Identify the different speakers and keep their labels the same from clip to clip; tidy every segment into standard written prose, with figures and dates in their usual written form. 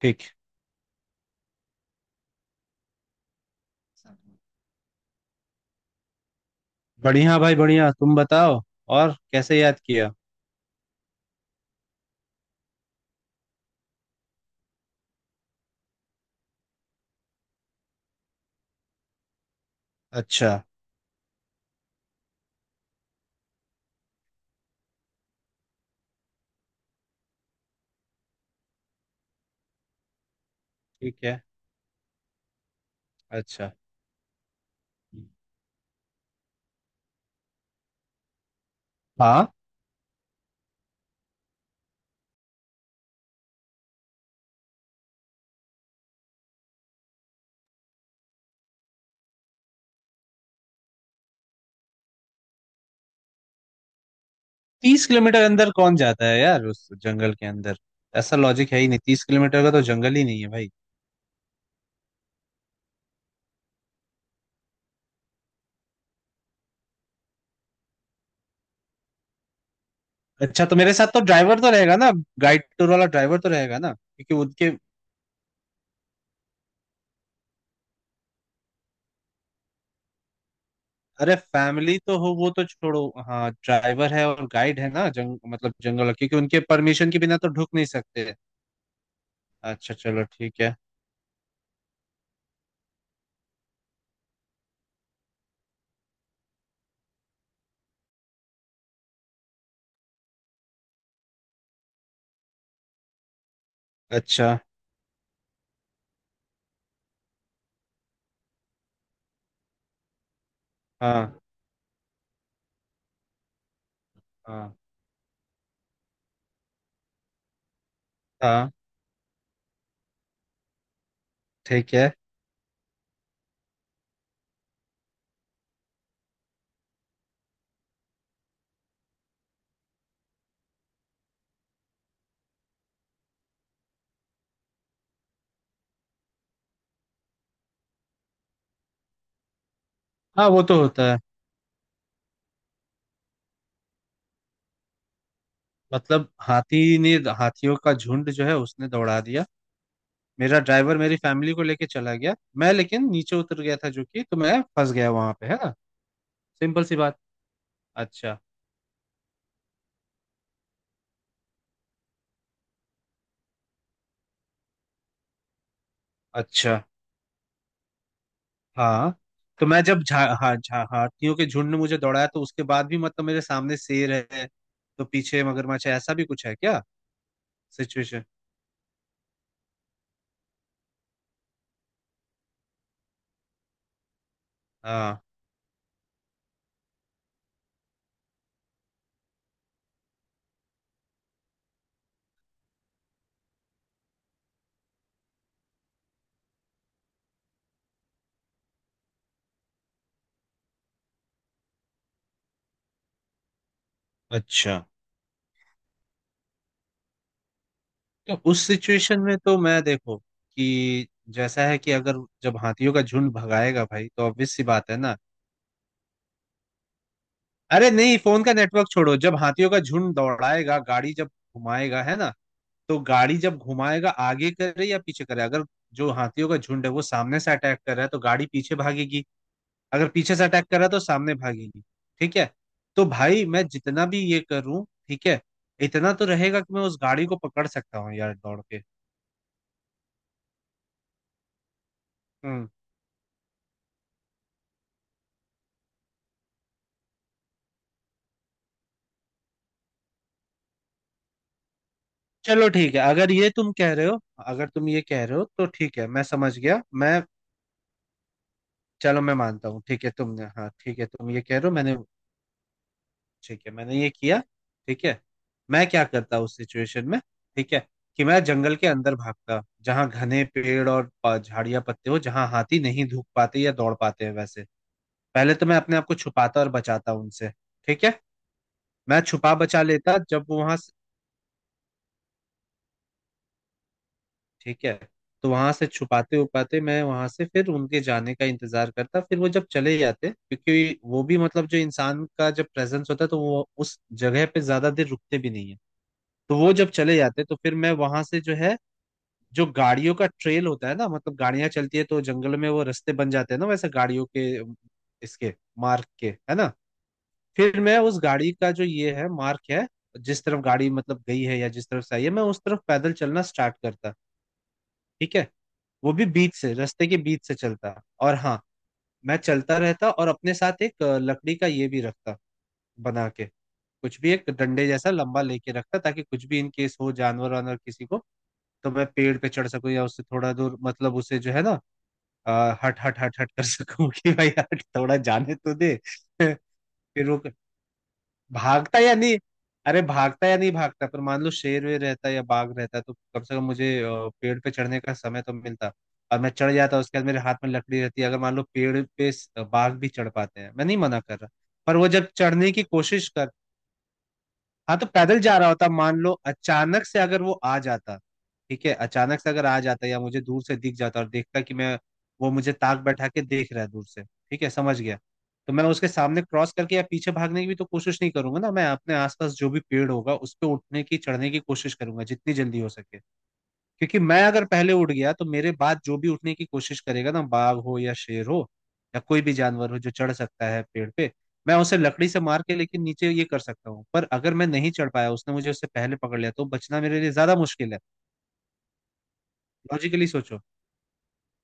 Speaker 1: ठीक। बढ़िया भाई बढ़िया, तुम बताओ। और कैसे याद किया? अच्छा। ठीक है। अच्छा। हाँ। 30 किलोमीटर अंदर कौन जाता है यार उस जंगल के अंदर? ऐसा लॉजिक है ही नहीं, 30 किलोमीटर का तो जंगल ही नहीं है भाई। अच्छा, तो मेरे साथ तो ड्राइवर तो रहेगा ना? गाइड टूर वाला ड्राइवर तो रहेगा ना, क्योंकि उनके... अरे फैमिली तो हो, वो तो छोड़ो। हाँ ड्राइवर है और गाइड है ना, जंग मतलब जंगल वाला, क्योंकि उनके परमिशन के बिना तो ढुक नहीं सकते। अच्छा चलो ठीक है। अच्छा। हाँ हाँ हाँ। ठीक है। हाँ वो तो होता है। मतलब हाथी ने... हाथियों का झुंड जो है उसने दौड़ा दिया। मेरा ड्राइवर मेरी फैमिली को लेके चला गया, मैं लेकिन नीचे उतर गया था, जो कि तो मैं फंस गया वहां पे, है ना? सिंपल सी बात। अच्छा। अच्छा। हाँ। तो मैं जब झा हा, झा हाथियों के झुंड ने मुझे दौड़ाया, तो उसके बाद भी मतलब मेरे सामने शेर है, तो पीछे मगरमच्छ है, ऐसा भी कुछ है क्या? सिचुएशन। हाँ। अच्छा। तो उस सिचुएशन में तो मैं, देखो कि जैसा है कि अगर, जब हाथियों का झुंड भगाएगा भाई तो ऑब्वियस सी बात है ना। अरे नहीं, फोन का नेटवर्क छोड़ो, जब हाथियों का झुंड दौड़ाएगा, गाड़ी जब घुमाएगा, है ना? तो गाड़ी जब घुमाएगा आगे करे या पीछे करे, अगर जो हाथियों का झुंड है वो सामने से अटैक कर रहा है तो गाड़ी पीछे भागेगी, अगर पीछे से अटैक कर रहा है तो सामने भागेगी। ठीक है। तो भाई मैं जितना भी ये करूं, ठीक है, इतना तो रहेगा कि मैं उस गाड़ी को पकड़ सकता हूँ यार दौड़ के। हम्म। चलो ठीक है अगर ये तुम कह रहे हो, अगर तुम ये कह रहे हो तो ठीक है, मैं समझ गया, मैं... चलो मैं मानता हूँ ठीक है, तुमने... हाँ ठीक है, तुम ये कह रहे हो, मैंने... ठीक है, मैंने ये किया। ठीक है। मैं क्या करता उस सिचुएशन में, ठीक है, कि मैं जंगल के अंदर भागता जहाँ घने पेड़ और झाड़ियाँ पत्ते हो, जहाँ हाथी नहीं धूप पाते या दौड़ पाते हैं वैसे। पहले तो मैं अपने आप को छुपाता और बचाता उनसे, ठीक है। मैं छुपा बचा लेता जब वो वहां... ठीक है। तो वहां से छुपाते उपाते मैं वहां से फिर उनके जाने का इंतजार करता, फिर वो जब चले जाते, क्योंकि वो भी मतलब जो इंसान का जब प्रेजेंस होता है तो वो उस जगह पे ज्यादा देर रुकते भी नहीं है। तो वो जब चले जाते तो फिर मैं वहां से जो है, जो गाड़ियों का ट्रेल होता है ना, मतलब गाड़ियां चलती है तो जंगल में वो रास्ते बन जाते हैं ना वैसे, गाड़ियों के इसके मार्ग के, है ना? फिर मैं उस गाड़ी का जो ये है मार्ग है, जिस तरफ गाड़ी मतलब गई है या जिस तरफ से आई है, मैं उस तरफ पैदल चलना स्टार्ट करता, ठीक है। वो भी बीच से, रास्ते के बीच से चलता, और हाँ, मैं चलता रहता, और अपने साथ एक लकड़ी का ये भी रखता, बना के, कुछ भी एक डंडे जैसा लंबा लेके रखता, ताकि कुछ भी इन केस हो, जानवर वानवर किसी को तो मैं पेड़ पे चढ़ सकूं, या उससे थोड़ा दूर, मतलब उसे जो है ना, अ, हट हट हट हट कर सकूं कि भाई हट, थोड़ा जाने तो दे। फिर वो भागता या नहीं... अरे भागता या नहीं भागता, पर मान लो शेर वेर रहता या बाघ रहता तो कम से कम मुझे पेड़ पे चढ़ने का समय तो मिलता, और मैं चढ़ जाता, उसके बाद मेरे हाथ में लकड़ी रहती, अगर मान लो पेड़ पे बाघ भी चढ़ पाते हैं, मैं नहीं मना कर रहा, पर वो जब चढ़ने की कोशिश कर... हाँ, तो पैदल जा रहा होता, मान लो अचानक से अगर वो आ जाता, ठीक है, अचानक से अगर आ जाता या मुझे दूर से दिख जाता और देखता कि मैं... वो मुझे ताक बैठा के देख रहा है दूर से, ठीक है, समझ गया। तो मैं उसके सामने क्रॉस करके या पीछे भागने की भी तो कोशिश नहीं करूंगा ना, मैं अपने आसपास जो भी पेड़ होगा उस पर उठने की चढ़ने की कोशिश करूंगा जितनी जल्दी हो सके, क्योंकि मैं अगर पहले उड़ गया तो मेरे बाद जो भी उठने की कोशिश करेगा ना, बाघ हो या शेर हो, या कोई भी जानवर हो जो चढ़ सकता है पेड़ पे, मैं उसे लकड़ी से मार के लेकिन नीचे ये कर सकता हूँ, पर अगर मैं नहीं चढ़ पाया, उसने मुझे उससे पहले पकड़ लिया, तो बचना मेरे लिए ज्यादा मुश्किल है। लॉजिकली सोचो,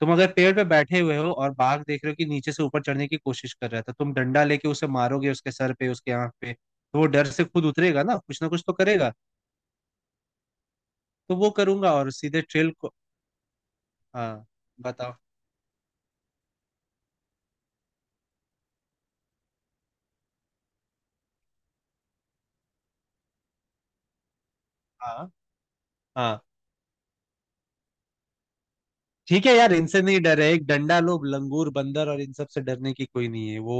Speaker 1: तुम अगर पेड़ पे बैठे हुए हो और बाघ देख रहे हो कि नीचे से ऊपर चढ़ने की कोशिश कर रहा है, तो तुम डंडा लेके उसे मारोगे उसके सर पे, उसके आंख पे, तो वो डर से खुद उतरेगा ना, कुछ ना कुछ तो करेगा। तो वो करूंगा, और सीधे ट्रेल को... हाँ बताओ। हाँ हाँ। ठीक है यार, इनसे नहीं डर है, एक डंडा, लोग लंगूर बंदर और इन सब से डरने की कोई नहीं है वो,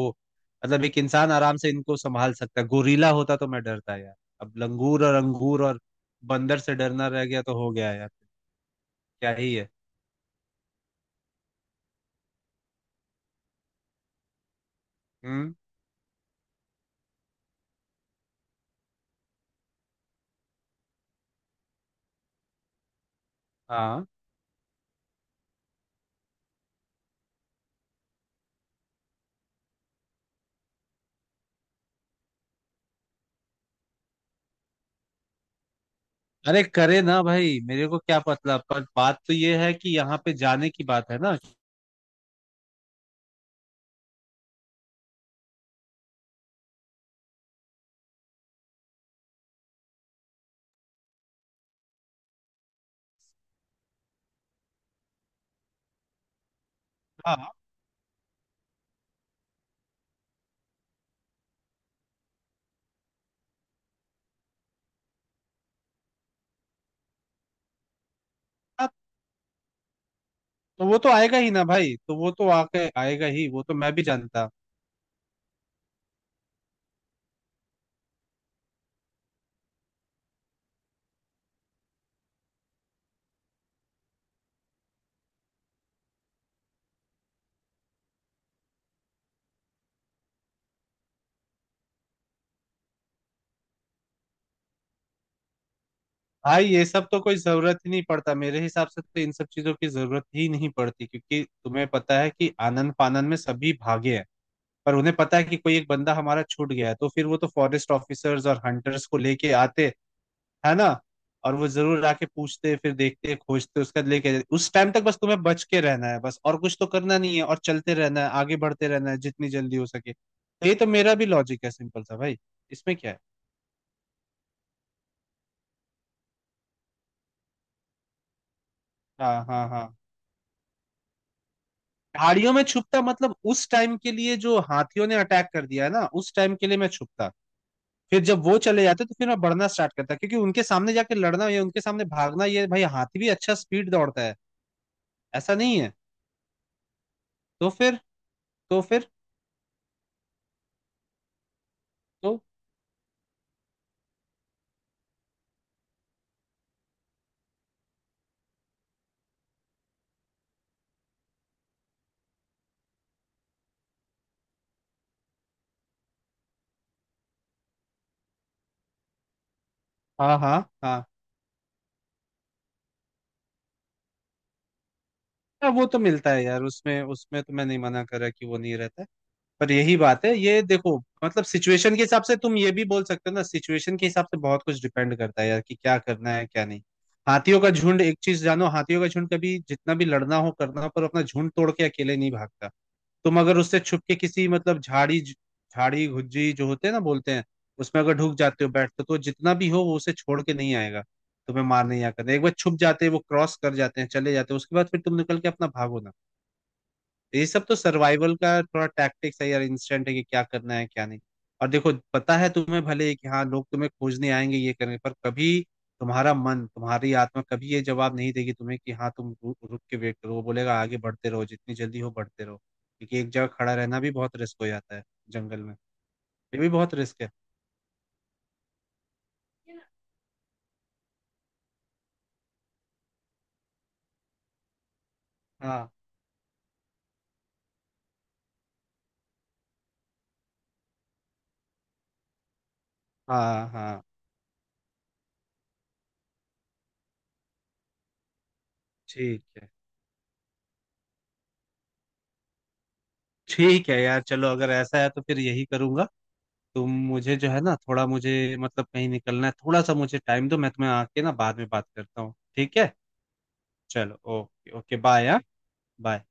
Speaker 1: मतलब एक इंसान आराम से इनको संभाल सकता है, गोरीला होता तो मैं डरता यार। अब लंगूर और अंगूर और बंदर से डरना रह गया तो हो गया यार, क्या ही है। हम्म। हाँ। अरे करे ना भाई, मेरे को क्या पता, पर बात तो ये है कि यहाँ पे जाने की बात है ना। हाँ हाँ, तो वो तो आएगा ही ना भाई, तो वो तो आके आएगा ही, वो तो मैं भी जानता। भाई ये सब तो कोई जरूरत ही नहीं पड़ता मेरे हिसाब से, तो इन सब चीजों की जरूरत ही नहीं पड़ती, क्योंकि तुम्हें पता है कि आनंद फानंद में सभी भागे हैं, पर उन्हें पता है कि कोई एक बंदा हमारा छूट गया है, तो फिर वो तो फॉरेस्ट ऑफिसर्स और हंटर्स को लेके आते, है ना? और वो जरूर आके पूछते, फिर देखते, खोजते, उसका लेके जाते। उस टाइम तक बस तुम्हें बच के रहना है, बस, और कुछ तो करना नहीं है, और चलते रहना है, आगे बढ़ते रहना है जितनी जल्दी हो सके, तो ये तो मेरा भी लॉजिक है, सिंपल सा भाई। इसमें क्या है। हाँ हाँ हाँ। झाड़ियों में छुपता, मतलब उस टाइम के लिए जो हाथियों ने अटैक कर दिया है ना, उस टाइम के लिए मैं छुपता, फिर जब वो चले जाते तो फिर मैं बढ़ना स्टार्ट करता, क्योंकि उनके सामने जाके लड़ना या उनके सामने भागना, ये भाई, हाथी भी अच्छा स्पीड दौड़ता है, ऐसा नहीं है। तो फिर... तो फिर... तो... हाँ हाँ हाँ। हाँ, वो तो मिलता है यार, उसमें, उसमें तो मैं नहीं मना कर रहा कि वो नहीं रहता है, पर यही बात है, ये देखो। मतलब सिचुएशन के हिसाब से तुम ये भी बोल सकते हो ना, सिचुएशन के हिसाब से बहुत कुछ डिपेंड करता है यार, कि क्या करना है क्या नहीं। हाथियों का झुंड एक चीज जानो, हाथियों का झुंड कभी जितना भी लड़ना हो करना हो, पर अपना झुंड तोड़ के अकेले नहीं भागता। तुम अगर उससे छुप के किसी, मतलब झाड़ी झाड़ी गुज्जी जो होते हैं ना बोलते हैं, उसमें अगर ढुक जाते हो, बैठते हो, तो जितना भी हो वो उसे छोड़ के नहीं आएगा तुम्हें मारने या करने, एक बार छुप जाते हैं, वो क्रॉस कर जाते हैं, चले जाते हैं, उसके बाद फिर तुम निकल के अपना भागो ना। ये सब तो सर्वाइवल का थोड़ा टैक्टिक्स है यार, इंस्टेंट है कि क्या करना है क्या नहीं। और देखो, पता है तुम्हें, भले कि हाँ लोग तुम्हें खोजने आएंगे ये करने पर, कभी तुम्हारा मन, तुम्हारी आत्मा कभी ये जवाब नहीं देगी तुम्हें कि हाँ तुम रुक के वेट करो, वो बोलेगा आगे बढ़ते रहो, जितनी जल्दी हो बढ़ते रहो, क्योंकि एक जगह खड़ा रहना भी बहुत रिस्क हो जाता है जंगल में, ये भी बहुत रिस्क है। हाँ हाँ हाँ। ठीक है, ठीक है यार चलो, अगर ऐसा है तो फिर यही करूंगा। तुम मुझे जो है ना, थोड़ा मुझे, मतलब कहीं निकलना है, थोड़ा सा मुझे टाइम दो, मैं तुम्हें आके ना बाद में बात करता हूँ, ठीक है? चलो, ओके ओके, बाय, हाँ। बाय।